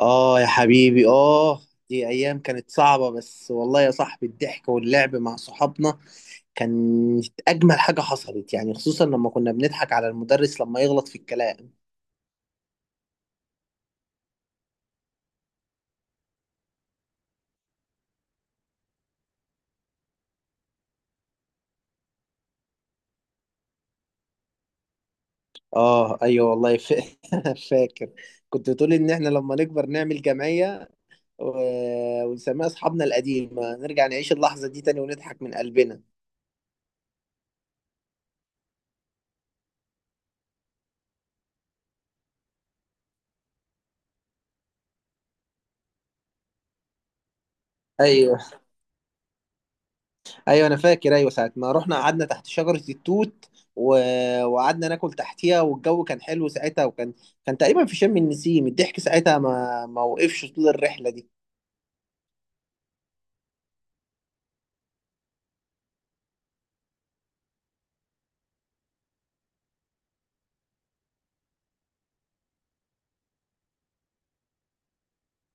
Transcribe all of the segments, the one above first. آه يا حبيبي، آه. دي أيام كانت صعبة، بس والله يا صاحبي الضحك واللعب مع صحابنا كانت أجمل حاجة حصلت، يعني خصوصا لما كنا بنضحك على المدرس لما يغلط في الكلام. آه، أيوه، والله فاكر، كنت بتقول إن إحنا لما نكبر نعمل جمعية، و... ونسميها أصحابنا القديمة، نرجع نعيش اللحظة دي تاني ونضحك من قلبنا. أيوه، ايوه، انا فاكر، ايوه. ساعه ما رحنا قعدنا تحت شجره التوت، و... وقعدنا ناكل تحتيها، والجو كان حلو ساعتها، وكان تقريبا في شم النسيم. الضحك ساعتها ما وقفش طول الرحله دي.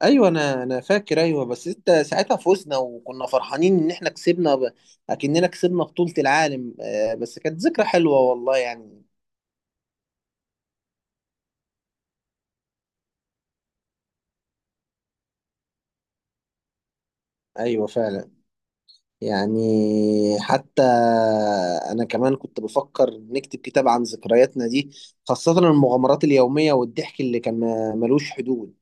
ايوه، انا فاكر، ايوه، بس انت ساعتها فزنا وكنا فرحانين ان احنا كسبنا اكننا كسبنا بطوله العالم، بس كانت ذكرى حلوه والله يعني. ايوه، فعلا، يعني حتى أنا كمان كنت بفكر نكتب كتاب عن ذكرياتنا دي، خاصة المغامرات اليومية والضحك اللي كان ملوش حدود.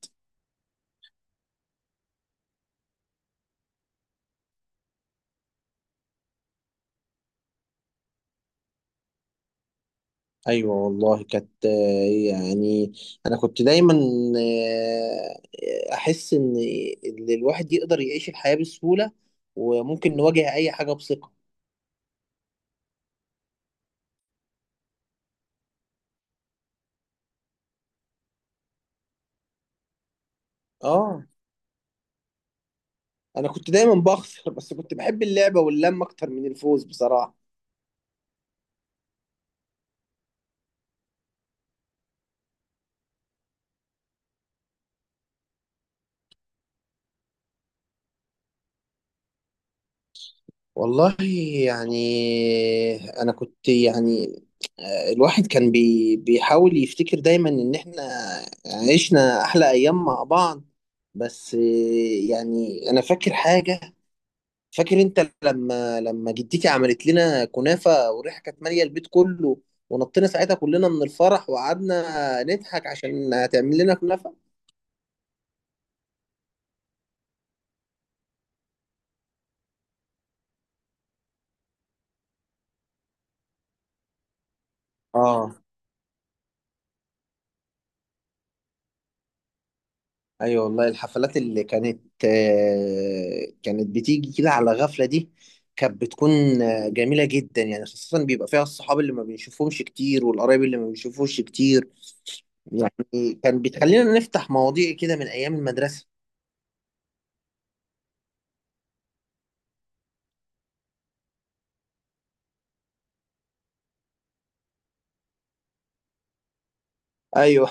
أيوة والله كانت، يعني أنا كنت دايما، أحس إن الواحد يقدر يعيش الحياة بسهولة، وممكن نواجه أي حاجة بثقة. آه، أنا كنت دايما بخسر، بس كنت بحب اللعبة واللمة أكتر من الفوز بصراحة. والله يعني انا كنت يعني، الواحد كان بيحاول يفتكر دايما ان احنا عشنا احلى ايام مع بعض، بس يعني انا فاكر حاجة. فاكر انت لما جدتي عملت لنا كنافة، والريحة كانت مالية البيت كله، ونطينا ساعتها كلنا من الفرح وقعدنا نضحك عشان هتعمل لنا كنافة. اه، ايوه، والله الحفلات اللي كانت، كانت بتيجي كده على غفلة، دي كانت بتكون جميلة جدا يعني، خاصة بيبقى فيها الصحاب اللي ما بنشوفهمش كتير والقرايب اللي ما بنشوفوش كتير. يعني كان بتخلينا نفتح مواضيع كده من ايام المدرسة. ايوه.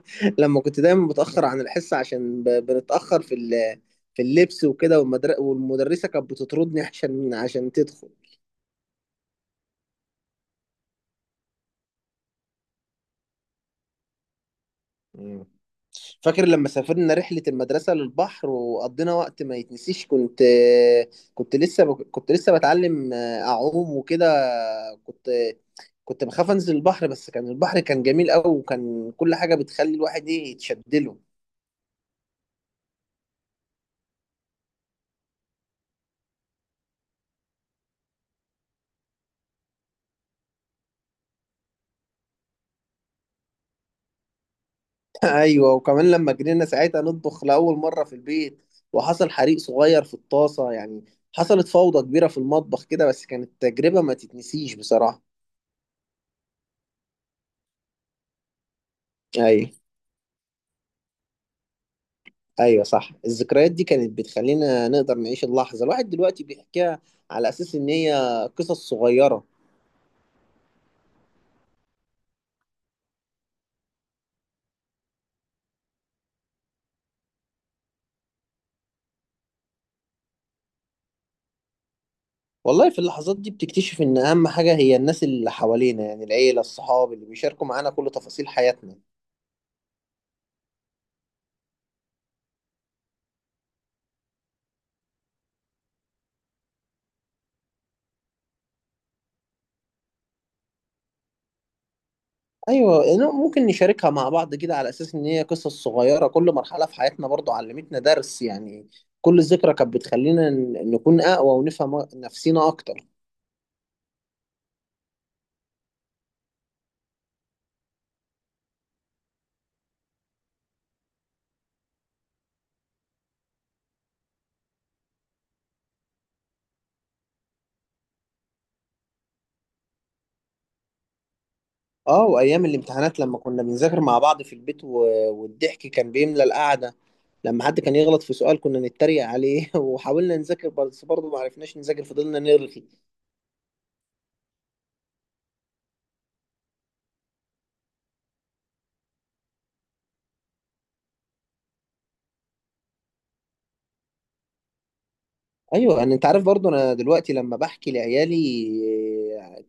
لما كنت دايما بتأخر عن الحصة عشان بنتأخر في اللبس وكده، والمدرسة كانت بتطردني عشان تدخل. مم. فاكر لما سافرنا رحلة المدرسة للبحر، وقضينا وقت ما يتنسيش. كنت لسه بتعلم أعوم وكده. كنت كنت بخاف أنزل البحر، بس كان البحر كان جميل أوي، وكان كل حاجة بتخلي الواحد إيه يتشدله. أيوه، وكمان لما جرينا ساعتها نطبخ لأول مرة في البيت، وحصل حريق صغير في الطاسة، يعني حصلت فوضى كبيرة في المطبخ كده، بس كانت تجربة ما تتنسيش بصراحة. أيوه، ايوه، صح. الذكريات دي كانت بتخلينا نقدر نعيش اللحظه، الواحد دلوقتي بيحكيها على اساس ان هي قصص صغيره. والله في اللحظات دي بتكتشف ان اهم حاجه هي الناس اللي حوالينا، يعني العيله، الصحاب اللي بيشاركوا معانا كل تفاصيل حياتنا. ايوه، إنه ممكن نشاركها مع بعض كده على اساس ان هي قصص صغيره، كل مرحله في حياتنا برضو علمتنا درس يعني، كل ذكرى كانت بتخلينا نكون اقوى ونفهم نفسينا اكتر. اه، وايام الامتحانات لما كنا بنذاكر مع بعض في البيت والضحك كان بيملى القعده، لما حد كان يغلط في سؤال كنا نتريق عليه. وحاولنا نذاكر بس برضه ما عرفناش نذاكر، فضلنا نرغي. ايوه، انا انت عارف برضه انا دلوقتي لما بحكي لعيالي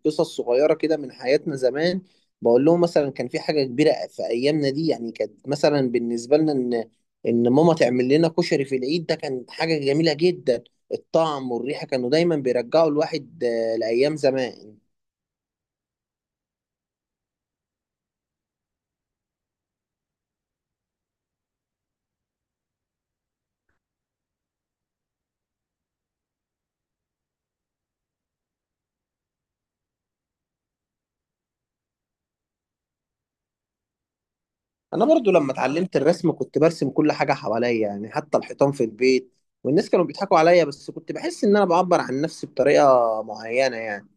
قصص صغيره كده من حياتنا زمان، بقول لهم مثلا كان في حاجه كبيره في ايامنا دي، يعني كانت مثلا بالنسبه لنا ان ماما تعمل لنا كشري في العيد ده كانت حاجه جميله جدا، الطعم والريحه كانوا دايما بيرجعوا الواحد لايام زمان. انا برضو لما اتعلمت الرسم كنت برسم كل حاجه حواليا، يعني حتى الحيطان في البيت، والناس كانوا بيضحكوا عليا، بس كنت بحس ان انا بعبر عن نفسي بطريقه معينه يعني.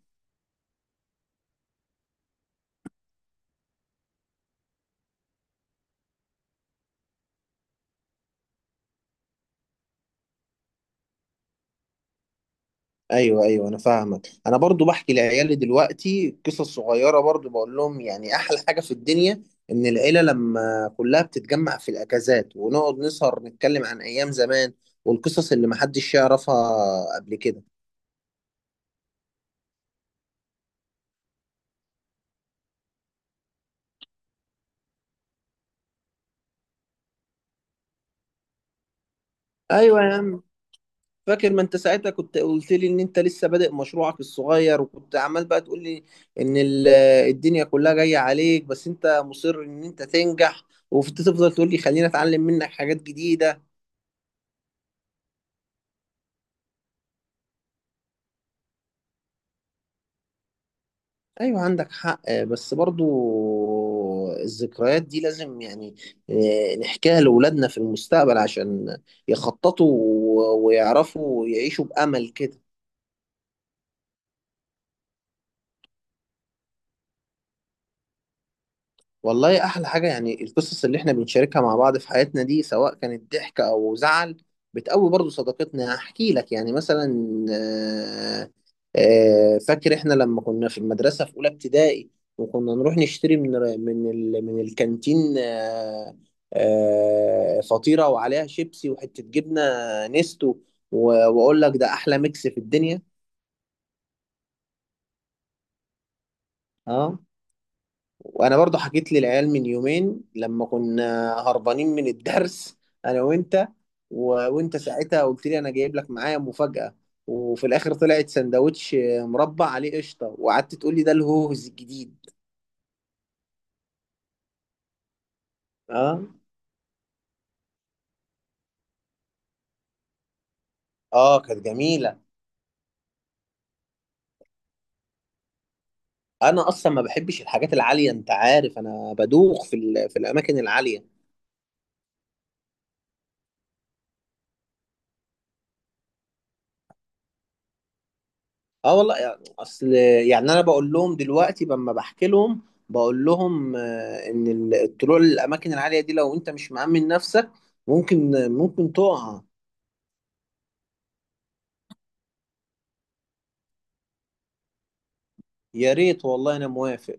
ايوه، ايوه، انا فاهمك. انا برضو بحكي لعيالي دلوقتي قصص صغيره، برضو بقول لهم يعني احلى حاجه في الدنيا ان العيله لما كلها بتتجمع في الاجازات، ونقعد نسهر نتكلم عن ايام زمان والقصص اللي محدش يعرفها قبل كده. ايوه يا عم، فاكر ما انت ساعتها كنت قلت لي ان انت لسه بادئ مشروعك الصغير، وكنت عمال بقى تقول لي ان الدنيا كلها جاية عليك، بس انت مصر ان انت تنجح، وتفضل تقول لي خلينا اتعلم منك حاجات جديدة. ايوه، عندك حق، بس برضو الذكريات دي لازم يعني اه، نحكيها لأولادنا في المستقبل عشان يخططوا ويعرفوا يعيشوا بأمل كده. والله احلى حاجه يعني القصص اللي احنا بنشاركها مع بعض في حياتنا دي، سواء كانت ضحك او زعل، بتقوي برضو صداقتنا. احكي لك يعني مثلا، آه، فاكر احنا لما كنا في المدرسه في اولى ابتدائي، وكنا نروح نشتري من الكانتين، فطيره وعليها شيبسي وحته جبنه نستو، واقول لك ده احلى ميكس في الدنيا. اه، وانا برضو حكيت للعيال من يومين لما كنا هربانين من الدرس انا وانت، وانت ساعتها قلت لي انا جايب لك معايا مفاجأة، وفي الاخر طلعت سندوتش مربع عليه قشطة، وقعدت تقول لي ده الهوز الجديد. اه. اه، كانت جميلة. انا اصلا ما بحبش الحاجات العالية، انت عارف انا بدوخ في الاماكن العالية. اه، والله يعني اصل، يعني انا بقول لهم دلوقتي لما بحكي لهم، بقول لهم ان الطلوع للاماكن العاليه دي لو انت مش مأمن نفسك، ممكن تقع. يا ريت والله، انا موافق.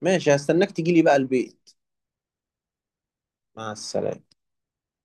ماشي، هستناك تجيلي بقى البيت. مع السلامه.